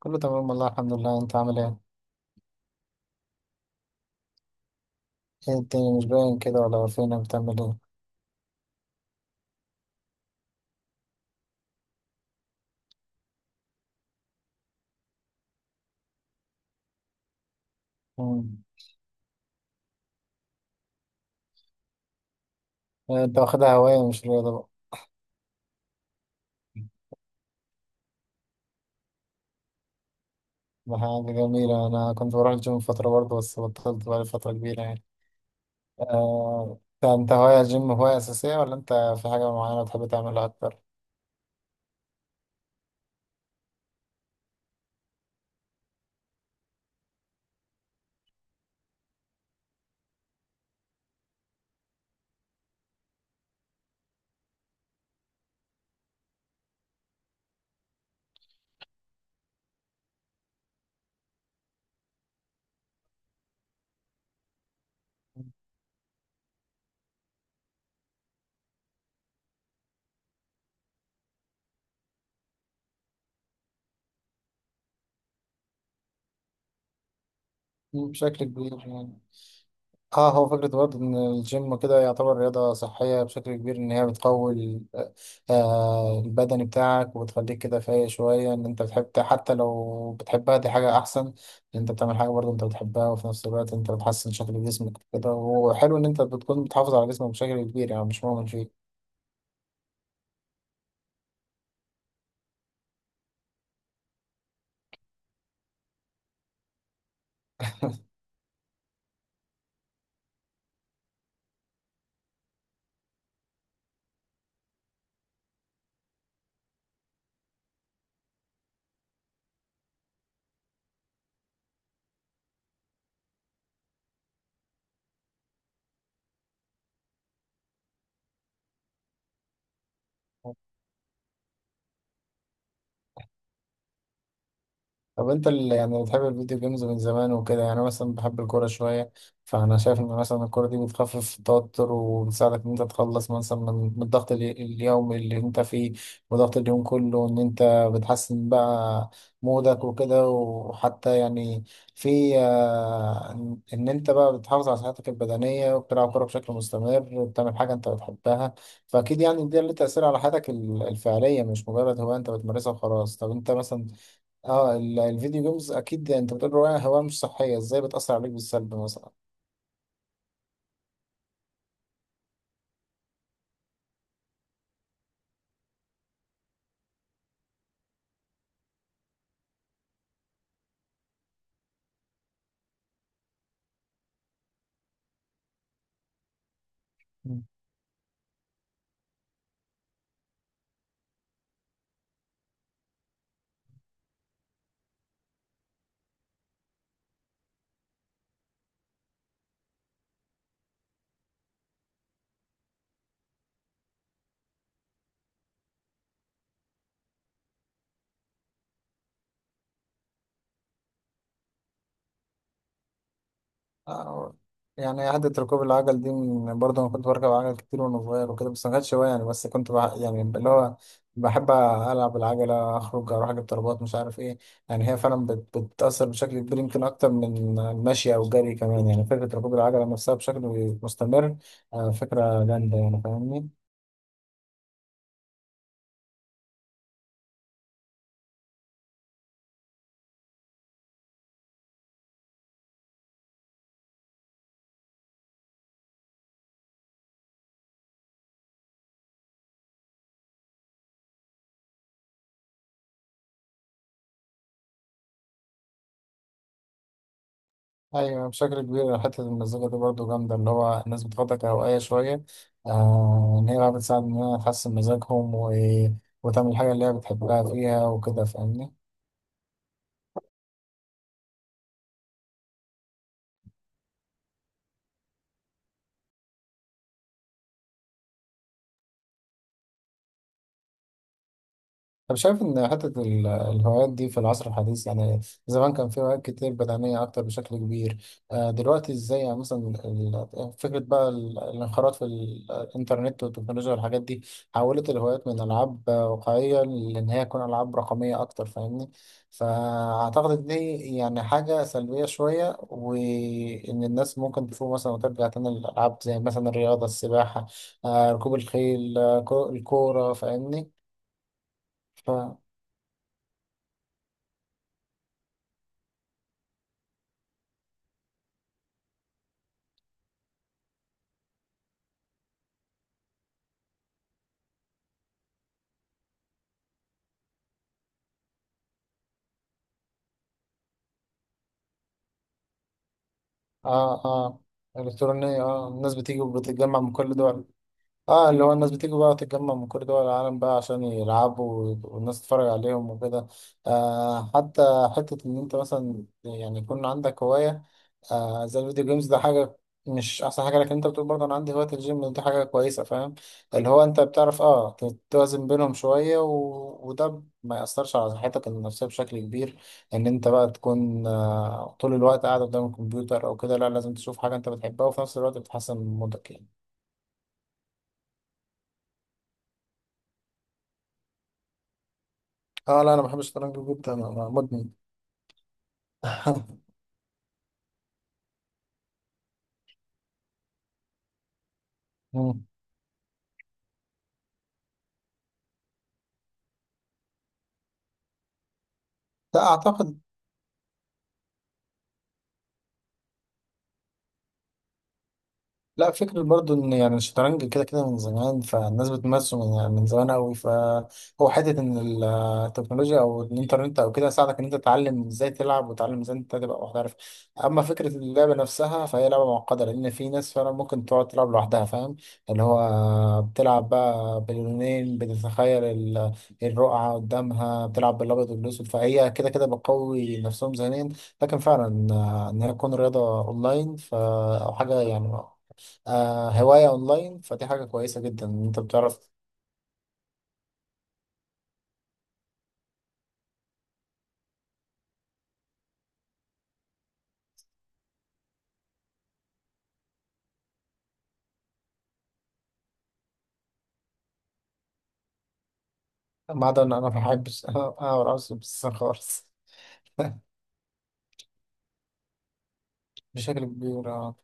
كله تمام والله الحمد لله انت عامل ايه؟ ايه الدنيا مش باين كده ولا فينك بتعمل ايه؟ مم. انت واخدها هواية مش رياضة بقى. ده حاجة جميلة، أنا كنت بروح الجيم فترة برضه بس بطلت بقالي فترة كبيرة يعني. انت هواية الجيم هواية أساسية ولا انت في حاجة معينة بتحب تعملها أكتر؟ مم، بشكل كبير يعني. اه هو فكرة برضه إن الجيم كده يعتبر رياضة صحية بشكل كبير إن هي بتقوي البدني بتاعك وبتخليك كده فايق شوية إن أنت بتحب، حتى لو بتحبها دي حاجة أحسن، إن أنت بتعمل حاجة برضه أنت بتحبها وفي نفس الوقت أنت بتحسن شكل جسمك كده. وحلو إن أنت بتكون بتحافظ على جسمك بشكل كبير يعني مش مؤمن فيه. طب انت اللي يعني بتحب الفيديو جيمز من زمان وكده، يعني أنا مثلا بحب الكورة شوية، فانا شايف ان مثلا الكورة دي بتخفف التوتر وبتساعدك ان انت تخلص مثلا من الضغط اليومي اللي انت فيه وضغط اليوم كله، ان انت بتحسن بقى مودك وكده، وحتى يعني في آه، ان إن انت بقى بتحافظ على صحتك البدنية وبتلعب كورة بشكل مستمر وبتعمل حاجة انت بتحبها. فاكيد يعني ده له تأثير على حياتك الفعلية، مش مجرد هواية انت بتمارسها وخلاص. طب انت مثلا، اه الفيديو جيمز، اكيد انت بتقول هواية، هواية مش صحية، ازاي بتأثر عليك بالسلب مثلا؟ مم. آه، يعني عادة ركوب العجل دي برضه انا كنت بركب عجل كتير وانا صغير وكده، بس ما كانتش هواية يعني، بس كنت يعني اللي هو بحب العب العجلة اخرج اروح اجيب طلبات مش عارف ايه. يعني هي فعلا بتأثر بشكل كبير، يمكن اكتر من المشي او الجري كمان، يعني فكرة ركوب العجلة نفسها بشكل مستمر. آه، فكرة جامدة يعني، فاهمني. ايوه بشكل كبير، حته المزيكا دي برضو جامده، اللي هو الناس بتاخدها كهوايه شويه، آه، ان هي بقى بتساعد ان هي تحسن مزاجهم وتعمل الحاجه اللي هي بتحبها فيها وكده، فاهمني. طب شايف إن حتة الهوايات دي في العصر الحديث يعني، زمان كان في هوايات كتير بدنية أكتر بشكل كبير، دلوقتي إزاي يعني مثلا فكرة بقى الانخراط في الإنترنت والتكنولوجيا والحاجات دي حولت الهوايات من ألعاب واقعية لإن هي تكون ألعاب رقمية أكتر، فاهمني. فأعتقد إن دي يعني حاجة سلبية شوية، وإن الناس ممكن تفوق مثلا وترجع تاني للألعاب زي مثلا الرياضة، السباحة، ركوب الخيل، الكورة، فاهمني. اه اه، الكترونيه، اه الناس بتيجي وبتتجمع من كل دول. اه اللي هو الناس بتيجي بقى تتجمع من كل دول العالم بقى عشان يلعبوا والناس تتفرج عليهم وكده. آه حتى، حتة إن أنت مثلا يعني يكون عندك هواية زي الفيديو جيمز، ده حاجة مش أحسن حاجة، لكن أنت بتقول برضه أنا عندي هواية الجيم، دي حاجة كويسة، فاهم؟ اللي هو أنت بتعرف اه توازن بينهم شوية وده ما يأثرش على صحتك النفسية بشكل كبير، إن أنت بقى تكون آه طول الوقت قاعد قدام الكمبيوتر أو كده. لا، لازم تشوف حاجة أنت بتحبها وفي نفس الوقت بتحسن من مودك يعني. اه لا، انا بحب الشطرنج جدا، انا مدمن. لا اعتقد، لا، فكرة برضو ان يعني الشطرنج كده كده من زمان، فالناس بتمارسه من يعني من زمان قوي، فهو حتة ان التكنولوجيا او الانترنت او كده ساعدك ان انت تتعلم ازاي تلعب وتتعلم ازاي انت تبقى محترف. اما فكرة اللعبة نفسها فهي لعبة معقدة، لان في ناس فعلا ممكن تقعد تلعب لوحدها، فاهم؟ اللي هو بتلعب بقى باللونين، بتتخيل الرقعة قدامها، بتلعب بالابيض والاسود، فهي كده كده بتقوي نفسهم ذهنيا. لكن فعلا ان هي تكون رياضة اونلاين او حاجة يعني، آه هواية أونلاين، فدي حاجة كويسة جدا إن أنت بتعرف. ما عدا إن أنا ما بحبش أقرأ بس خالص. بشكل كبير أه.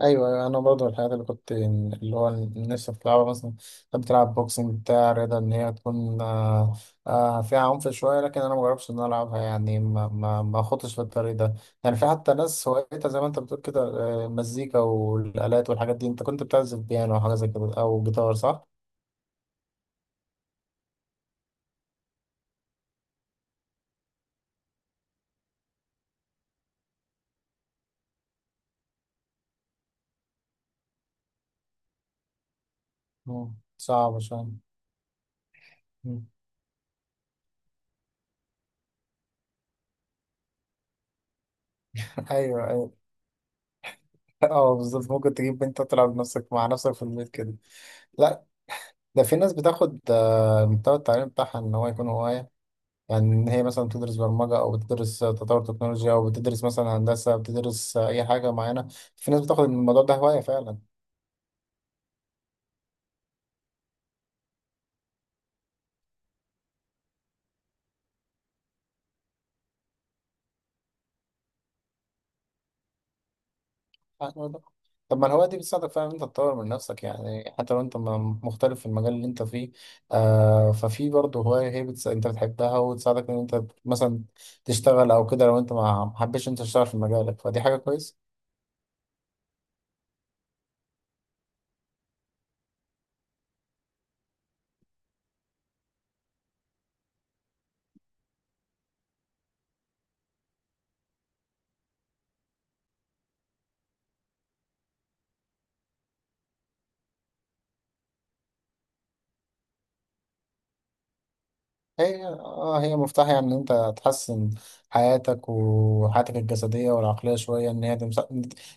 أيوه أيوه، أنا برضه الحاجات اللي كنت اللي هو نفسي بتلعبها مثلا، كنت بتلعب بوكسنج بتاع رياضة، إن هي تكون فيها عنف شوية، لكن أنا مجربش إن أنا ألعبها يعني، ما خدتش في الطريق ده. يعني في حتى ناس هوايتها زي ما أنت بتقول كده، مزيكا والآلات والحاجات دي. أنت كنت بتعزف بيانو أو حاجة زي كده، أو جيتار، صح؟ مم. صعب شوية. ايوه ايوه، اه بالظبط، ممكن تجيب انت تلعب بنفسك مع نفسك في البيت كده. لا، ده في ناس بتاخد المحتوى التعليمي بتاعها ان هو يكون هوايه يعني، يعني ان هي مثلا بتدرس برمجه او بتدرس تطور تكنولوجيا، او بتدرس مثلا هندسه، بتدرس اي حاجه معينه. في ناس بتاخد الموضوع ده هوايه فعلا. طب ما الهواية دي بتساعدك فعلا إن أنت تطور من نفسك، يعني حتى لو أنت مختلف في المجال اللي أنت فيه، آه ففي برضه هواية، أنت بتحبها وتساعدك إن أنت مثلا تشتغل أو كده، لو أنت ما حبيتش أنت تشتغل في مجالك، فدي حاجة كويسة. هي اه هي مفتاح يعني ان انت تحسن حياتك وحياتك الجسديه والعقليه شويه، ان هي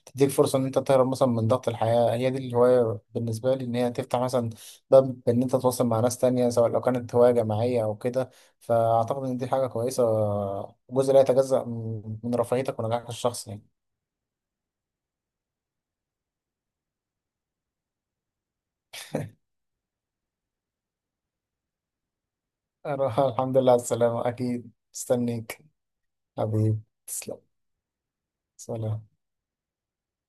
تديك فرصه ان انت تهرب مثلا من ضغط الحياه. هي دي الهوايه بالنسبه لي، ان هي تفتح مثلا باب ان انت تتواصل مع ناس تانية، سواء لو كانت هوايه جماعيه او كده. فاعتقد ان دي حاجه كويسه، جزء لا يتجزأ من رفاهيتك ونجاحك الشخصي يعني. الحمد لله على السلامه، اكيد مستنيك، حبيبي، تسلم. سلام.